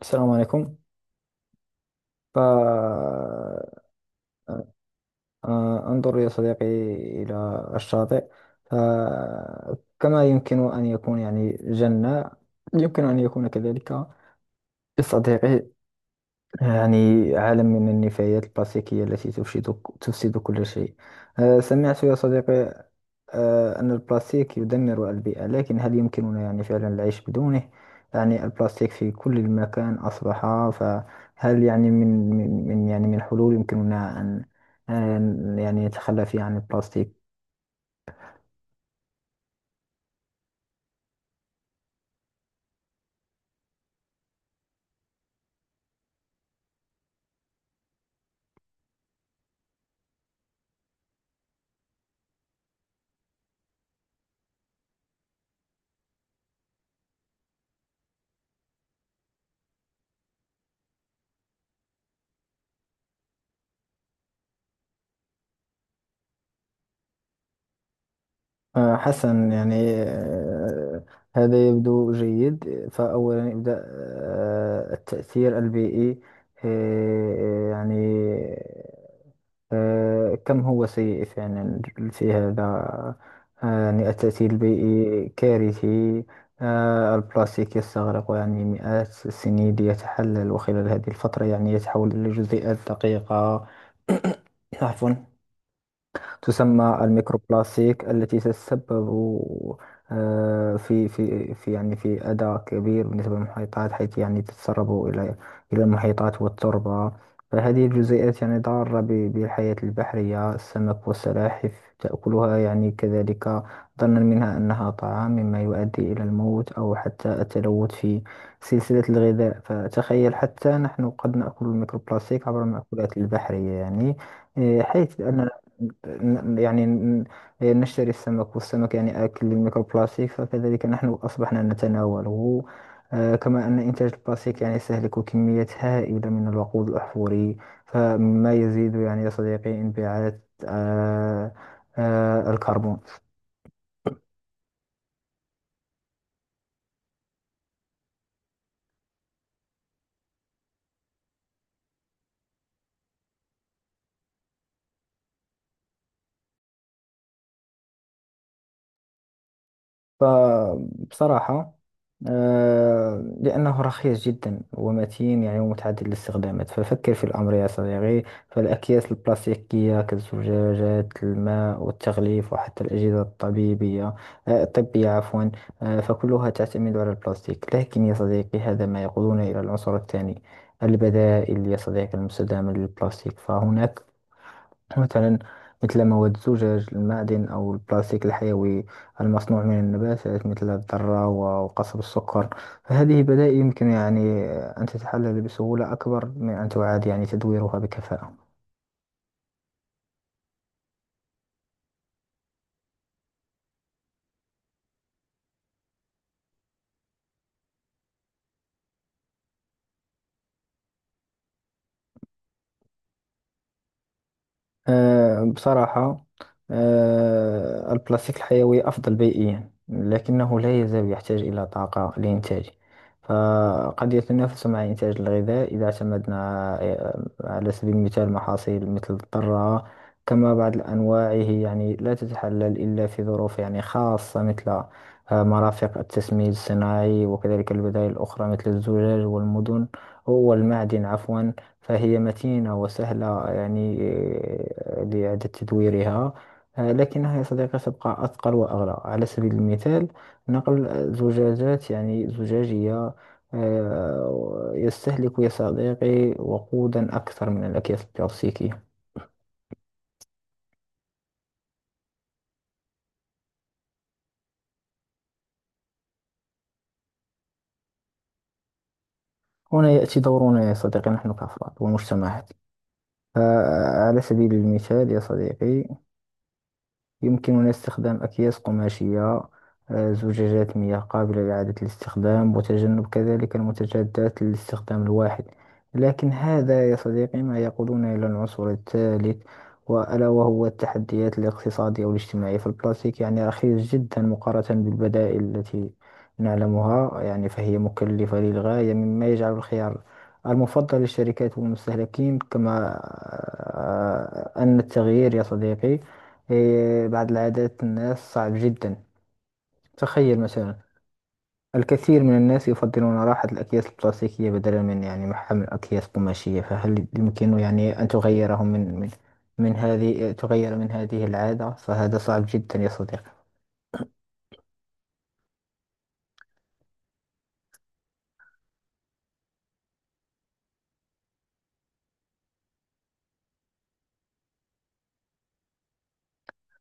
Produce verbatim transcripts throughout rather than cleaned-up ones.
السلام عليكم. فأنظر يا صديقي إلى الشاطئ، فكما يمكن أن يكون يعني جنة، يمكن أن يكون كذلك لصديقي يعني عالم من النفايات الكلاسيكية التي تفسد تفسد كل شيء. آه، سمعت يا صديقي آه، أن البلاستيك يدمر البيئة، لكن هل يمكننا يعني فعلا العيش بدونه؟ يعني البلاستيك في كل المكان أصبح. فهل يعني من من من- يعني من حلول يمكننا أن أن يعني نتخلى فيها عن البلاستيك. آه، حسنا، يعني آه، هذا يبدو جيد. فأولا يبدأ آه، التأثير البيئي. آه، يعني آه، كم هو سيء فعلا في هذا. آه، يعني التأثير البيئي كارثي. آه، البلاستيك يستغرق يعني مئات السنين ليتحلل، وخلال هذه الفترة يعني يتحول إلى جزيئات دقيقة. عفوا. تسمى الميكروبلاستيك التي تتسبب آه، في في في يعني في أذى كبير بالنسبة للمحيطات، حيث يعني تتسرب إلى إلى المحيطات والتربة. فهذه الجزيئات يعني ضارة ب- بالحياة البحرية. السمك والسلاحف تأكلها يعني كذلك ظنا منها أنها طعام، مما يؤدي إلى الموت أو حتى التلوث في سلسلة الغذاء. فتخيل حتى نحن قد نأكل الميكروبلاستيك عبر المأكولات البحرية يعني. إيه، حيث أن ن- يعني ن- نشتري السمك، والسمك يعني آكل للميكروبلاستيك، فكذلك نحن أصبحنا نتناوله. آه، كما أن إنتاج البلاستيك يعني يستهلك كميات هائلة من الوقود الأحفوري، فما يزيد يعني يا صديقي انبعاث آه، آه، الكربون. فبصراحة آه، لأنه رخيص جدا ومتين، يعني ومتعدد الاستخدامات. ففكر في الأمر يا صديقي، فالأكياس البلاستيكية كالزجاجات الماء والتغليف وحتى الأجهزة الطبيبية آه، الطبية عفوا، آه، فكلها تعتمد على البلاستيك. لكن يا صديقي هذا ما يقودنا إلى العنصر الثاني، البدائل يا صديقي المستدامة للبلاستيك. فهناك مثلا، مثل مواد الزجاج المعدن أو البلاستيك الحيوي المصنوع من النباتات مثل الذرة وقصب السكر. فهذه بدائل يمكن يعني أن تتحلل بسهولة أكبر من أن تعاد يعني تدويرها بكفاءة. آه، بصراحة آه، البلاستيك الحيوي أفضل بيئيا، لكنه لا يزال يحتاج إلى طاقة لإنتاجه. فقد يتنافس مع إنتاج الغذاء إذا اعتمدنا آه، على سبيل المثال محاصيل مثل الذرة. كما بعض الأنواع هي يعني لا تتحلل إلا في ظروف يعني خاصة، مثل آه، مرافق التسميد الصناعي. وكذلك البدائل الأخرى مثل الزجاج والمدن والمعدن عفوا، فهي متينة وسهلة يعني آه، لإعادة تدويرها. آه، لكنها يا صديقي تبقى أثقل وأغلى. على سبيل المثال، نقل زجاجات يعني زجاجية آه، يستهلك يا صديقي وقودا أكثر من الأكياس البلاستيكية. هنا يأتي دورنا يا صديقي، نحن كأفراد ومجتمعات. آه، على سبيل المثال يا صديقي، يمكننا استخدام أكياس قماشية، آه، زجاجات مياه قابلة لإعادة الاستخدام، وتجنب كذلك المتجدات للاستخدام الواحد. لكن هذا يا صديقي ما يقودنا إلى العنصر الثالث، وألا وهو التحديات الاقتصادية والاجتماعية. فالبلاستيك يعني رخيص جدا مقارنة بالبدائل التي نعلمها يعني، فهي مكلفة للغاية، مما يجعل الخيار المفضل للشركات والمستهلكين. كما آه، آه، آه، أن التغيير يا صديقي، إيه، بعض العادات الناس صعب جدا. تخيل مثلا، الكثير من الناس يفضلون راحة الأكياس البلاستيكية بدلا من يعني محمل أكياس قماشية. فهل يمكن يعني أن تغيرهم من من من هذه، تغير من هذه العادة؟ فهذا صعب جدا يا صديقي.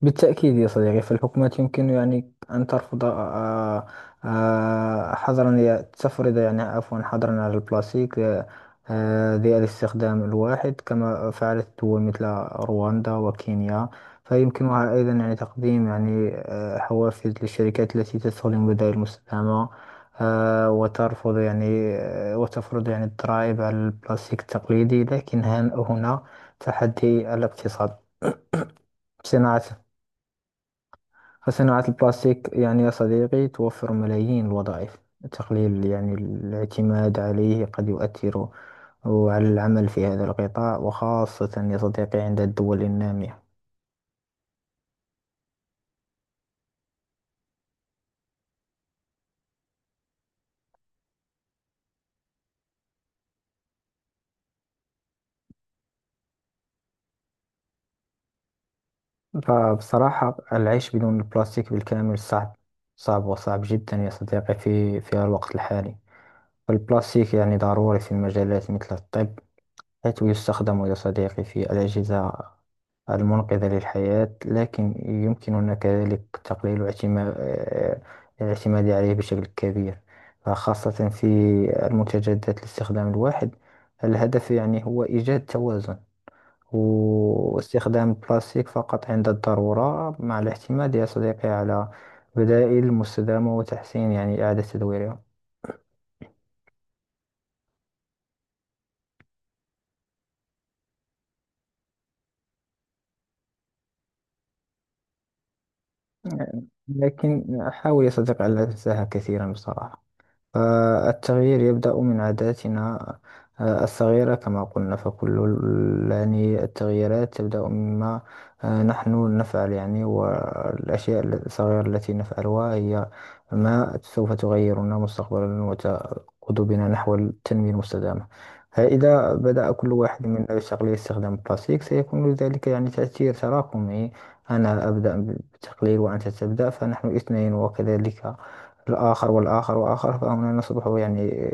بالتأكيد يا صديقي، فالحكومات يمكن يعني أن ترفض آه، آه، آه، حظرا، يا- تفرض يعني عفوا حظرا على البلاستيك آه، آه، ذي الاستخدام الواحد، كما فعلت دول مثل رواندا وكينيا. فيمكنها أيضا يعني تقديم يعني آه، حوافز للشركات التي تستخدم بدائل مستدامة، آه، وترفض يعني آه، وتفرض يعني الضرائب على البلاستيك التقليدي. لكن هن- هنا تحدي الاقتصاد، صناعة. فصناعة البلاستيك يعني يا صديقي توفر ملايين الوظائف، تقليل يعني الاعتماد عليه قد يؤثر على العمل في هذا القطاع، وخاصة يا صديقي عند الدول النامية. فبصراحة العيش بدون البلاستيك بالكامل صعب. صعب وصعب جدا يا صديقي في في الوقت الحالي. فالبلاستيك يعني ضروري في مجالات مثل الطب، حيث يستخدم يا صديقي في الأجهزة المنقذة للحياة. لكن يمكننا كذلك تقليل اعتما- آه، الاعتماد عليه بشكل كبير، خاصة في المنتجات ذات الاستخدام الواحد. الهدف يعني هو إيجاد توازن، واستخدام البلاستيك فقط عند الضرورة، مع الاعتماد يا صديقي على بدائل مستدامة وتحسين يعني إعادة تدويرها. لكن حاول يا صديقي ألا تنساها كثيرا بصراحة. آه، التغيير يبدأ من عاداتنا آه، الصغيرة كما قلنا. فكل ال- يعني التغييرات تبدأ مما آه، نحن نفعل، يعني، والأشياء الصغيرة التي نفعلها هي ما سوف تغيرنا مستقبلا وتقود بنا نحو التنمية المستدامة. فإذا بدأ كل واحد منا بتقليل استخدام البلاستيك، سيكون لذلك يعني تأثير تراكمي. أنا أبدأ بالتقليل وأنت تبدأ، فنحن اثنين، وكذلك الآخر والآخر وآخر، فهنا نصبح يعني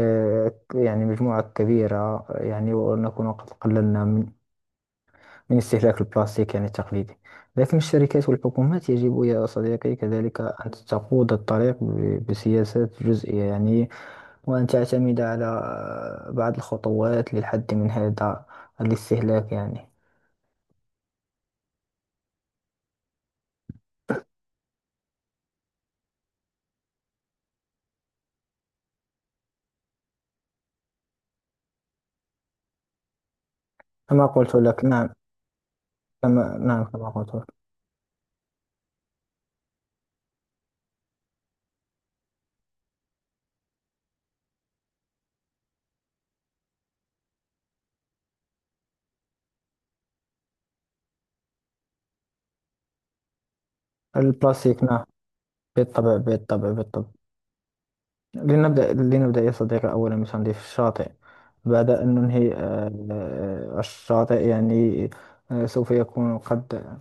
آه، يعني مجموعة كبيرة، يعني ونكون قد قللنا من من استهلاك البلاستيك يعني التقليدي. لكن الشركات والحكومات يجب يا صديقي كذلك أن تقود الطريق ب- بسياسات جزئية يعني، وأن تعتمد على آه، بعض الخطوات للحد من هذا الاستهلاك يعني. كما قلت لك، نعم. كما، نعم، كما قلت لك. البلاستيك، نعم. بالطبع، بالطبع، بالطبع. لنبدأ، لنبدأ يا صديقي أولا بتنظيف الشاطئ. بعد أن ننهي آه، آه، الشاطئ يعني، آه، سوف يكون قد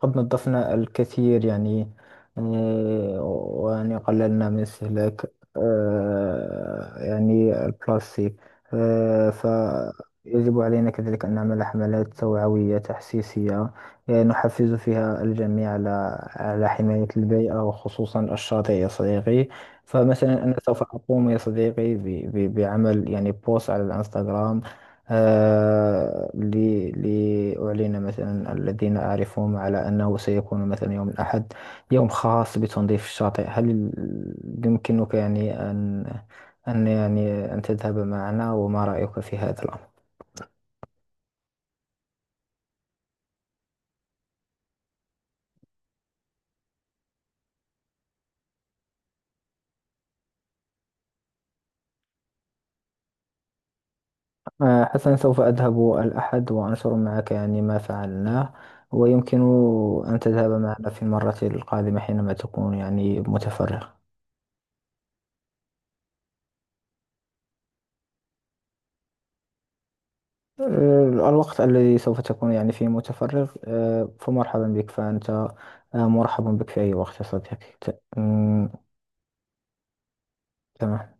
قد نظفنا الكثير يعني، آه، ويعني قللنا من استهلاك آه، يعني البلاستيك. آه، فيجب علينا كذلك أن نعمل حملات توعوية تحسيسية، آه، نحفز فيها الجميع على على حماية البيئة، وخصوصا الشاطئ يا صديقي. فمثلا أنا سوف أقوم يا صديقي ب- ب- بعمل يعني بوست على الانستغرام. آه، لي لأعلن مثلا الذين أعرفهم على أنه سيكون مثلا يوم الأحد يوم خاص بتنظيف الشاطئ. هل يمكنك يعني أن أن يعني أن تذهب معنا، وما رأيك في هذا الأمر؟ آه، حسنا، سوف أذهب الأحد وأنشر معك يعني ما فعلناه، ويمكن أن تذهب معنا في المرة القادمة حينما تكون يعني متفرغ. آه، الوقت الذي سوف تكون يعني فيه متفرغ، آه، فمرحبا بك. فأنت آه، مرحب بك في أي وقت يا صديقي. ت- مم، تمام.